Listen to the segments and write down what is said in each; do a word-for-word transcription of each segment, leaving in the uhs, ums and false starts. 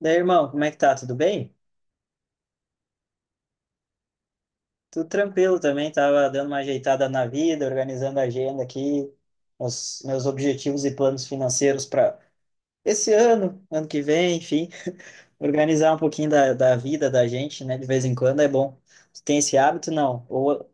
Daí, irmão, como é que tá? Tudo bem? Tudo tranquilo também, tava dando uma ajeitada na vida, organizando a agenda aqui, os meus objetivos e planos financeiros para esse ano, ano que vem, enfim, organizar um pouquinho da, da vida da gente, né? De vez em quando é bom. Tu tem esse hábito, não? Ou...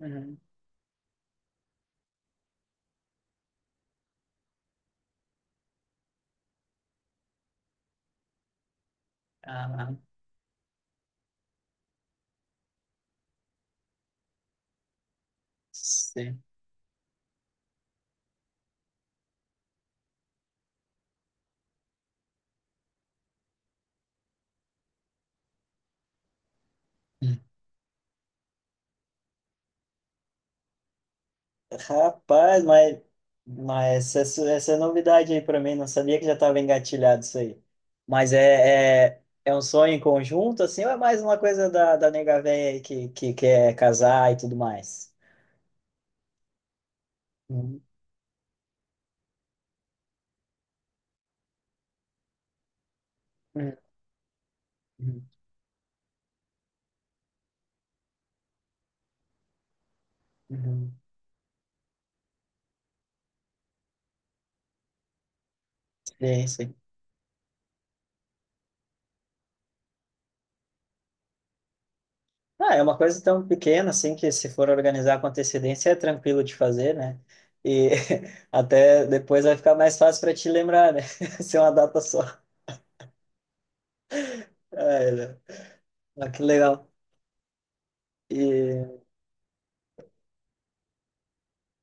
Uhum. Ah, sim. Rapaz, mas, mas essa, essa é novidade aí para mim, não sabia que já estava engatilhado isso aí. Mas é, é, é um sonho em conjunto, assim, ou é mais uma coisa da, da nega véia aí que, que quer casar e tudo mais? Uhum, uhum, uhum. Sim, sim. Ah, é uma coisa tão pequena, assim, que se for organizar com antecedência é tranquilo de fazer, né? E até depois vai ficar mais fácil para te lembrar, né? Ser uma data só. Ah, é, né? Ah, que legal. E...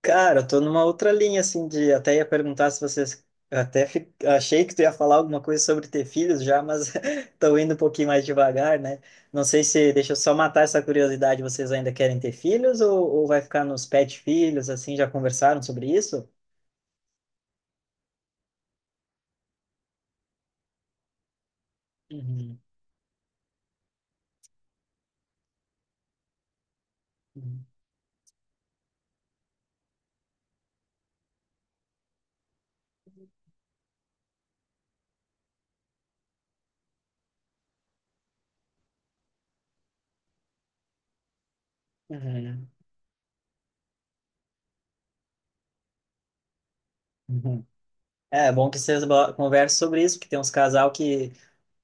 Cara, eu tô numa outra linha, assim, de até ia perguntar se vocês. Até fi- achei que tu ia falar alguma coisa sobre ter filhos já, mas tô indo um pouquinho mais devagar, né? Não sei se. Deixa eu só matar essa curiosidade. Vocês ainda querem ter filhos ou, ou vai ficar nos pet filhos, assim? Já conversaram sobre isso? Uhum. Uhum. Uhum. É bom que vocês bo- conversem sobre isso, porque tem uns casal que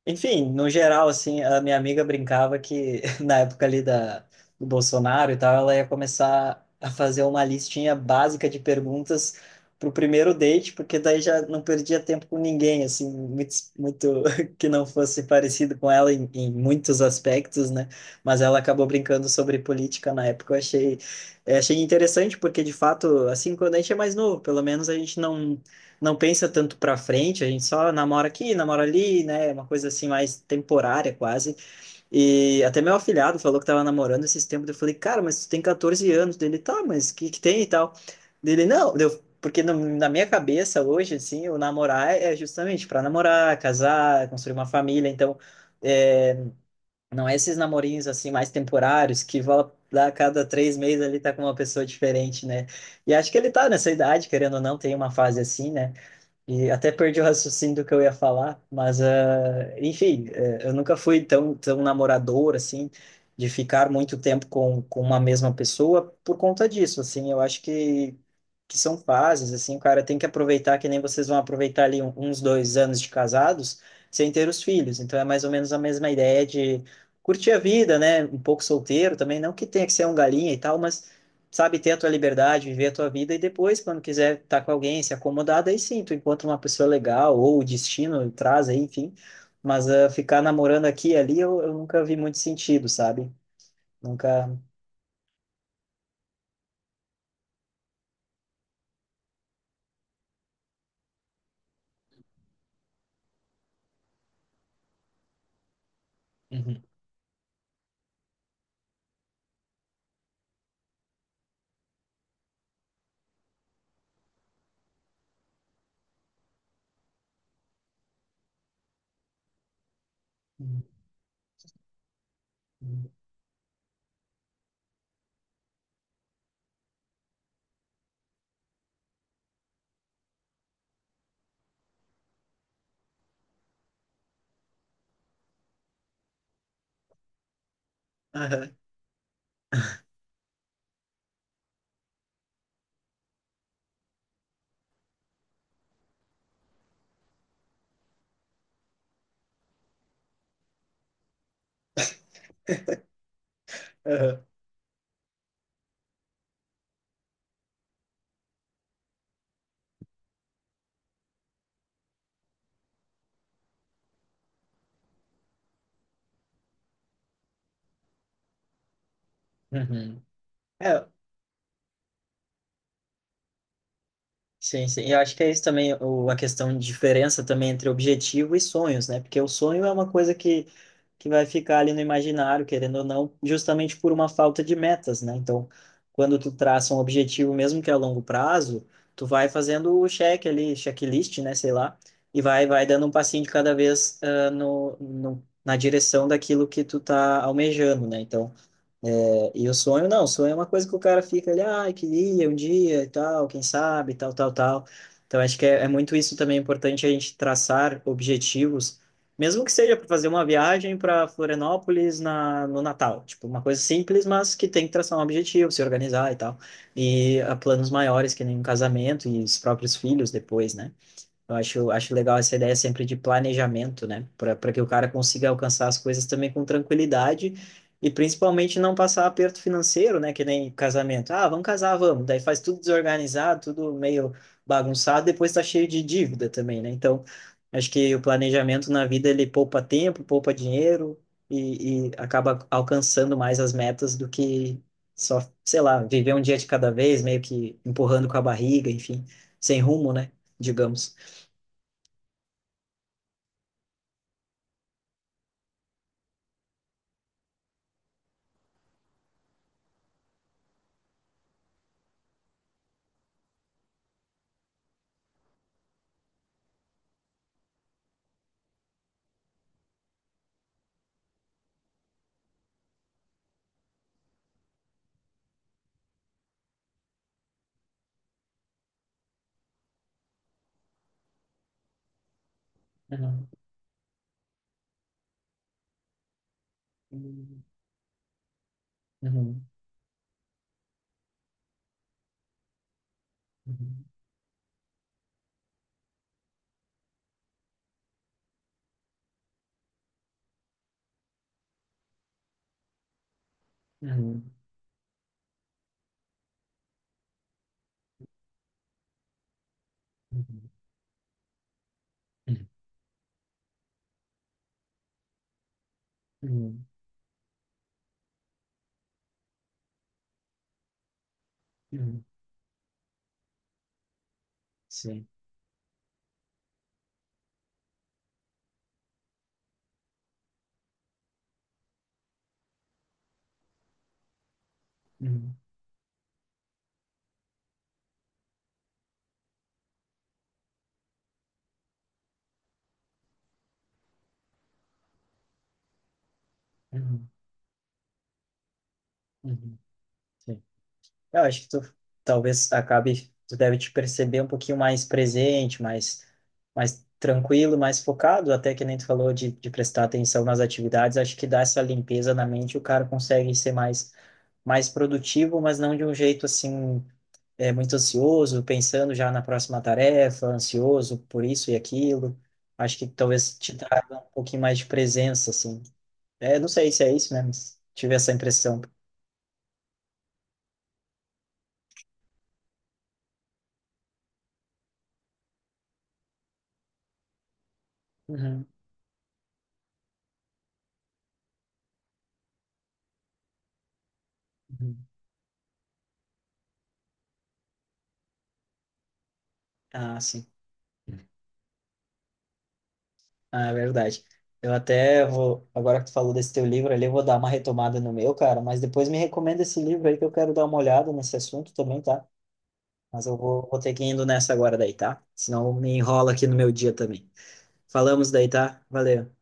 enfim, no geral, assim, a minha amiga brincava que na época ali da, do Bolsonaro e tal, ela ia começar a fazer uma listinha básica de perguntas para o primeiro date, porque daí já não perdia tempo com ninguém, assim, muito, muito que não fosse parecido com ela em, em muitos aspectos, né? Mas ela acabou brincando sobre política na época. Eu achei, eu achei interessante, porque de fato, assim, quando a gente é mais novo, pelo menos a gente não não pensa tanto para frente, a gente só namora aqui, namora ali, né? Uma coisa assim mais temporária quase. E até meu afilhado falou que tava namorando esses tempos, eu falei: "Cara, mas tu tem quatorze anos". Dele: "Tá, mas o que que tem e tal?". Dele: "Não, deu porque no- na minha cabeça hoje assim, o namorar é justamente para namorar, casar, construir uma família, então é, não é esses namorinhos assim mais temporários que vão lá a cada três meses ali tá com uma pessoa diferente, né? E acho que ele tá nessa idade, querendo ou não, tem uma fase assim, né? E até perdi o raciocínio do que eu ia falar, mas, ah, enfim, eh, eu nunca fui tão, tão namorador, assim, de ficar muito tempo com, com uma mesma pessoa por conta disso, assim, eu acho que, que são fases, assim, o cara tem que aproveitar, que nem vocês vão aproveitar ali um- uns dois anos de casados sem ter os filhos, então é mais ou menos a mesma ideia de curtir a vida, né, um pouco solteiro também, não que tenha que ser um galinha e tal, mas sabe, ter a tua liberdade, viver a tua vida e depois, quando quiser estar com alguém, se acomodar, daí sim, tu encontra uma pessoa legal ou o destino traz aí, enfim. Mas uh, ficar namorando aqui e ali eu, eu nunca vi muito sentido, sabe? Nunca. Uhum. Uhum. Aham, aham, uhum. É, sim, sim. Eu acho que é isso também, o, a questão de diferença também entre objetivo e sonhos, né? Porque o sonho é uma coisa que que vai ficar ali no imaginário, querendo ou não, justamente por uma falta de metas, né? Então, quando tu traça um objetivo, mesmo que a longo prazo, tu vai fazendo o check ali, checklist, né? Sei lá, e vai, vai dando um passinho de cada vez ah, no, no, na direção daquilo que tu tá almejando, né? Então, é, e o sonho, não, o sonho é uma coisa que o cara fica ali, ai, queria um dia e tal, quem sabe, tal, tal, tal. Então, acho que é, é muito isso também é importante a gente traçar objetivos, mesmo que seja para fazer uma viagem para Florianópolis na, no Natal. Tipo, uma coisa simples, mas que tem que traçar um objetivo, se organizar e tal. E a planos maiores, que nem um casamento e os próprios filhos depois, né? Eu acho, acho legal essa ideia sempre de planejamento, né? Para para que o cara consiga alcançar as coisas também com tranquilidade e principalmente não passar aperto financeiro, né? Que nem casamento. Ah, vamos casar, vamos. Daí faz tudo desorganizado, tudo meio bagunçado, depois tá cheio de dívida também, né? Então, acho que o planejamento na vida ele poupa tempo, poupa dinheiro e, e acaba alcançando mais as metas do que só, sei lá, viver um dia de cada vez, meio que empurrando com a barriga, enfim, sem rumo, né? Digamos. Uhum. Uhum. Uhum. Uhum. Uhum. Uhum. Uhum. Uhum. Sim. Uhum. Uhum. Uhum. Sim. Eu acho que tu talvez acabe, tu deve te perceber um pouquinho mais presente, mais, mais tranquilo, mais focado, até que nem tu falou de, de prestar atenção nas atividades, acho que dá essa limpeza na mente, o cara consegue ser mais, mais produtivo, mas não de um jeito assim é, muito ansioso, pensando já na próxima tarefa, ansioso por isso e aquilo. Acho que talvez te traga um pouquinho mais de presença, assim. É, não sei se é isso, né? Mas tive essa impressão. Uhum, uhum. Ah, sim. Ah, é verdade. Eu até vou, agora que tu falou desse teu livro ali, eu vou dar uma retomada no meu, cara, mas depois me recomenda esse livro aí que eu quero dar uma olhada nesse assunto também, tá? Mas eu vou, vou ter que ir indo nessa agora daí, tá? Senão me enrola aqui no meu dia também. Falamos daí, tá? Valeu.